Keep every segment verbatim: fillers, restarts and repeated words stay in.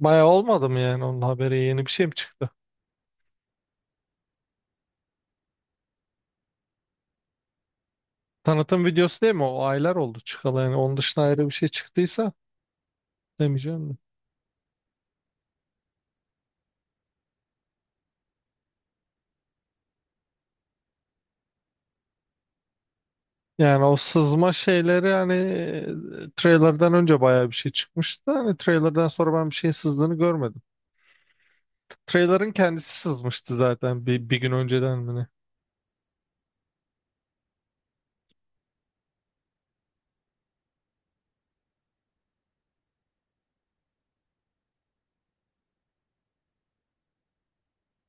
Bayağı olmadı mı yani onun haberi yeni bir şey mi çıktı? Tanıtım videosu değil mi? O aylar oldu çıkalı yani, onun dışında ayrı bir şey çıktıysa demeyeceğim de. Yani o sızma şeyleri hani e, trailer'dan önce bayağı bir şey çıkmıştı. Hani trailer'dan sonra ben bir şeyin sızdığını görmedim. Trailer'ın kendisi sızmıştı zaten bir, bir gün önceden mi ne?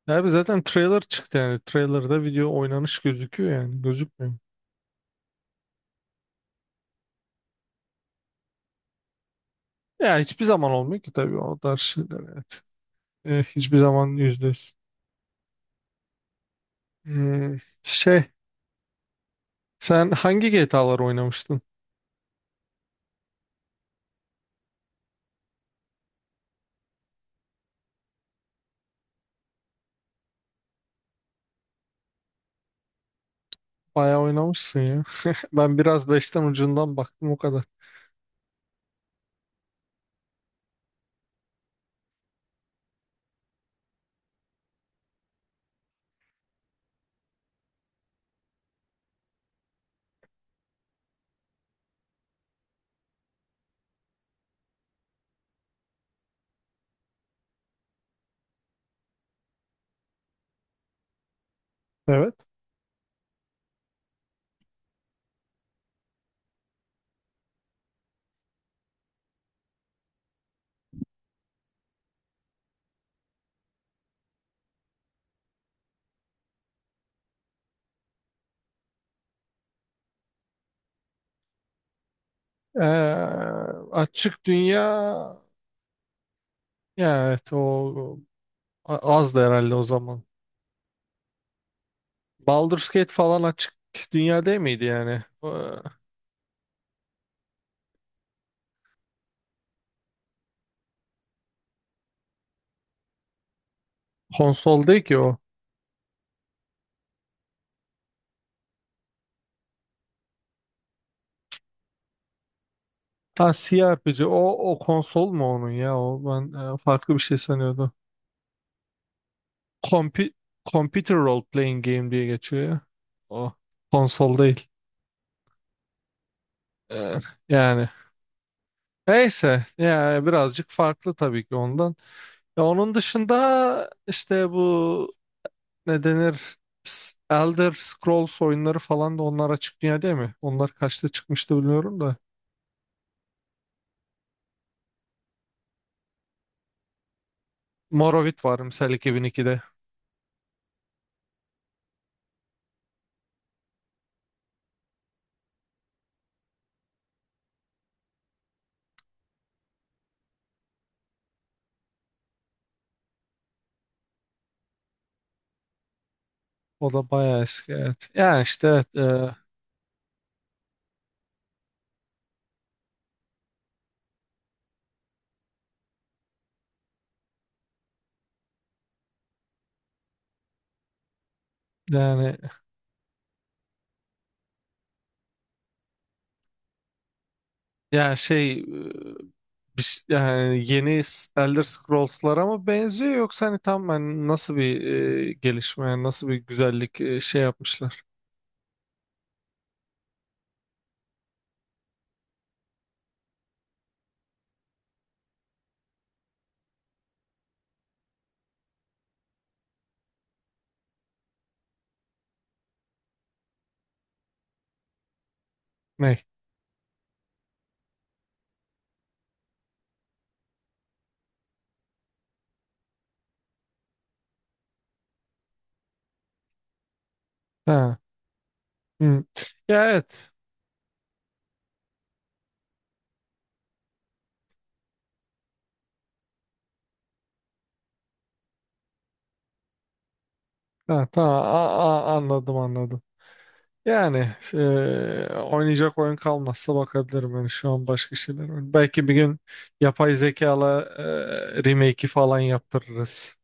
Abi zaten trailer çıktı yani. Trailer'da video oynanış gözüküyor yani. Gözükmüyor. Ya hiçbir zaman olmuyor ki tabii, o tarz şeyler, evet. E, hiçbir zaman yüzde yüz. Hmm. şey Sen hangi G T A'lar oynamıştın? Bayağı oynamışsın ya. Ben biraz beşten ucundan baktım o kadar. Evet. Ee, açık dünya, ya evet o a- azdı herhalde o zaman. Baldur's Gate falan açık dünya değil miydi yani? Ee, konsol değil ki o. Ha, C R P G o, o konsol mu onun ya, o ben e, farklı bir şey sanıyordum. Compu- Computer Role Playing Game diye geçiyor ya. O konsol değil. Ee, yani neyse yani birazcık farklı tabii ki ondan. Ya onun dışında işte bu, ne denir, S- Elder Scrolls oyunları falan da, onlar açık dünya değil mi? Onlar kaçta çıkmıştı bilmiyorum da. Morrowind var mesela iki bin ikide. O da bayağı eski, evet. Yani işte evet, e, yani yani şey e, bir ş- yani yeni S- Elder Scrolls'lara mı benziyor, yoksa hani tam hani nasıl bir e, gelişme, yani nasıl bir güzellik e, şey yapmışlar? Ne? Hı. Ya, evet. Ha, tamam, A- a- anladım anladım. Yani e, oynayacak oyun kalmazsa bakabilirim yani, şu an başka şeyler var. Belki bir gün yapay zekala e, remake'i falan yaptırırız.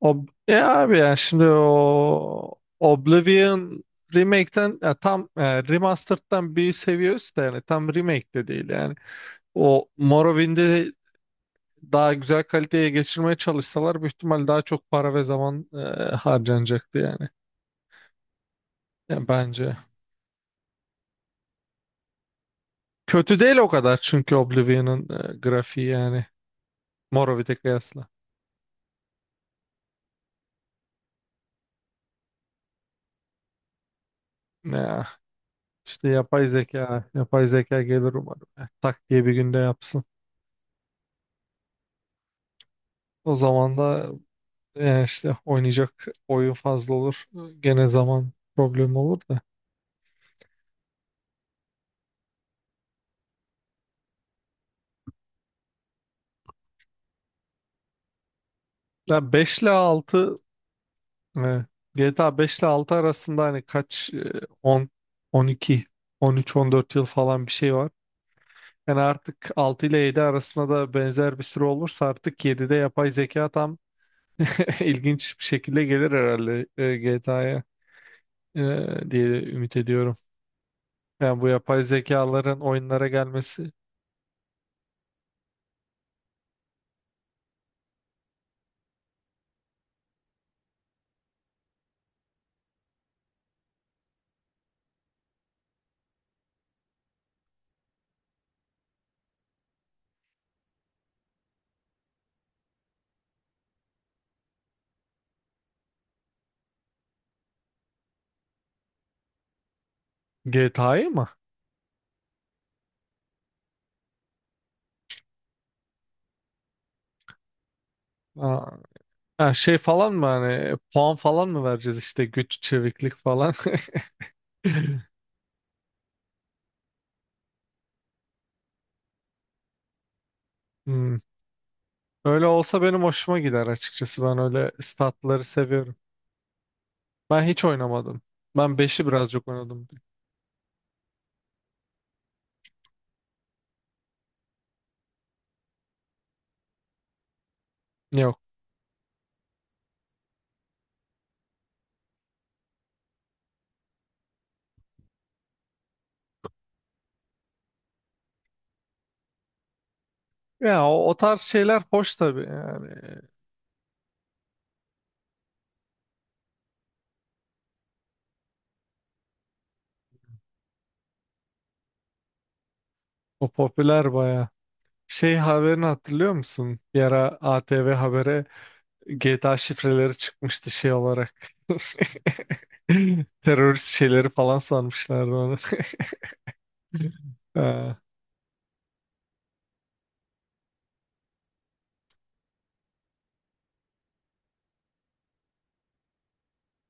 Ob ya abi yani, şimdi o Oblivion remake'ten, ya tam e, remastered'dan bir seviye üstte yani, tam remake de değil yani. O Morrowind'i daha güzel kaliteye geçirmeye çalışsalar büyük ihtimal daha çok para ve zaman e, harcanacaktı yani. Yani bence. Kötü değil o kadar çünkü Oblivion'ın e, grafiği yani, Morrowind'e kıyasla. Ya, işte yapay zeka, yapay zeka gelir umarım. Ya, tak diye bir günde yapsın. O zaman da e, işte oynayacak oyun fazla olur. Gene zaman problemi olur da. Ya beş ile altı. Evet. G T A beş ile altı arasında hani kaç, e, on on iki, on üç on dört yıl falan bir şey var. Yani artık altı ile yedi arasında da benzer bir süre olursa, artık yedide yapay zeka tam ilginç bir şekilde gelir herhalde G T A'ya diye ümit ediyorum. Yani bu yapay zekaların oyunlara gelmesi. G T A'yı mı? Aa, ha, şey falan mı, hani puan falan mı vereceğiz işte, güç, çeviklik falan? Hmm. Öyle olsa benim hoşuma gider açıkçası. Ben öyle statları seviyorum. Ben hiç oynamadım. Ben beşi birazcık oynadım. Yok. Ya o, o tarz şeyler hoş tabii yani. O popüler baya. Şey haberini hatırlıyor musun? Bir ara A T V Haber'e G T A şifreleri çıkmıştı şey olarak. Terörist şeyleri falan sanmışlardı onu. Ha,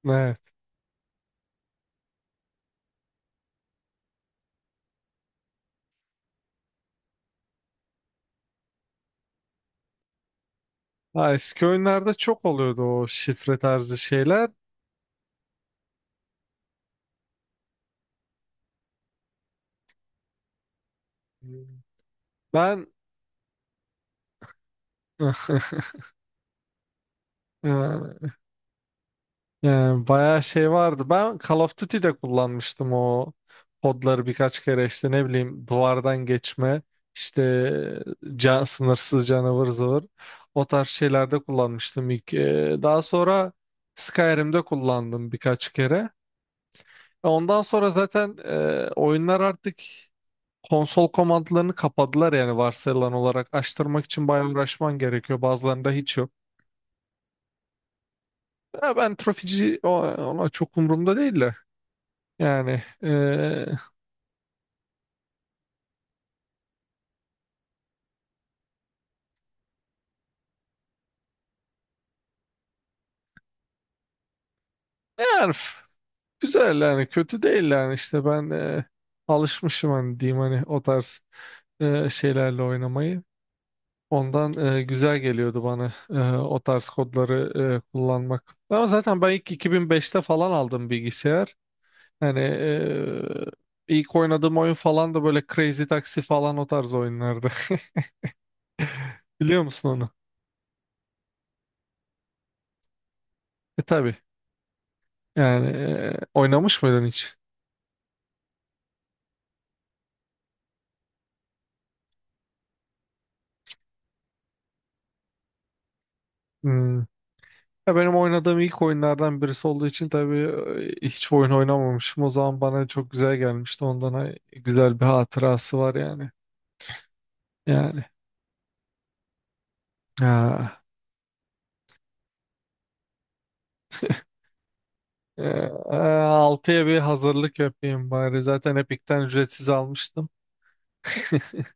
evet. Ha, eski oyunlarda çok oluyordu o şifre tarzı şeyler. Ben Ha, yani bayağı şey vardı. Ben Call of Duty'de kullanmıştım o kodları birkaç kere, işte ne bileyim duvardan geçme, işte can, sınırsız canavar zıvır, o tarz şeylerde kullanmıştım ilk. Ee, Daha sonra Skyrim'de kullandım birkaç kere. E, Ondan sonra zaten e, oyunlar artık konsol komandlarını kapadılar yani, varsayılan olarak açtırmak için bayağı uğraşman gerekiyor. Bazılarında hiç yok. Ya ben trofici o- ona çok umurumda değil de. Yani eee yani f- güzel yani kötü değil yani işte ben eee, alışmışım hani diyeyim hani o tarz eee, şeylerle oynamayı. Ondan eee, güzel geliyordu bana eee, o tarz kodları eee, kullanmak. Ama zaten ben ilk iki bin beşte falan aldım bilgisayar. Yani eee, ilk oynadığım oyun falan da böyle Crazy Taxi falan o tarz oyunlardı. Biliyor musun onu? E, tabii. Yani eee, oynamış mıydın hiç? Hmm. Ya benim oynadığım ilk oyunlardan birisi olduğu için tabii e, hiç oyun oynamamışım. O zaman bana çok güzel gelmişti. Ondan ay- güzel bir hatırası var yani. Yani. Ha. E, e, altıya bir hazırlık yapayım bari. Zaten Epic'ten ücretsiz almıştım.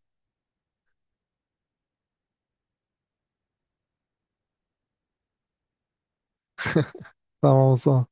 Tamam o zaman.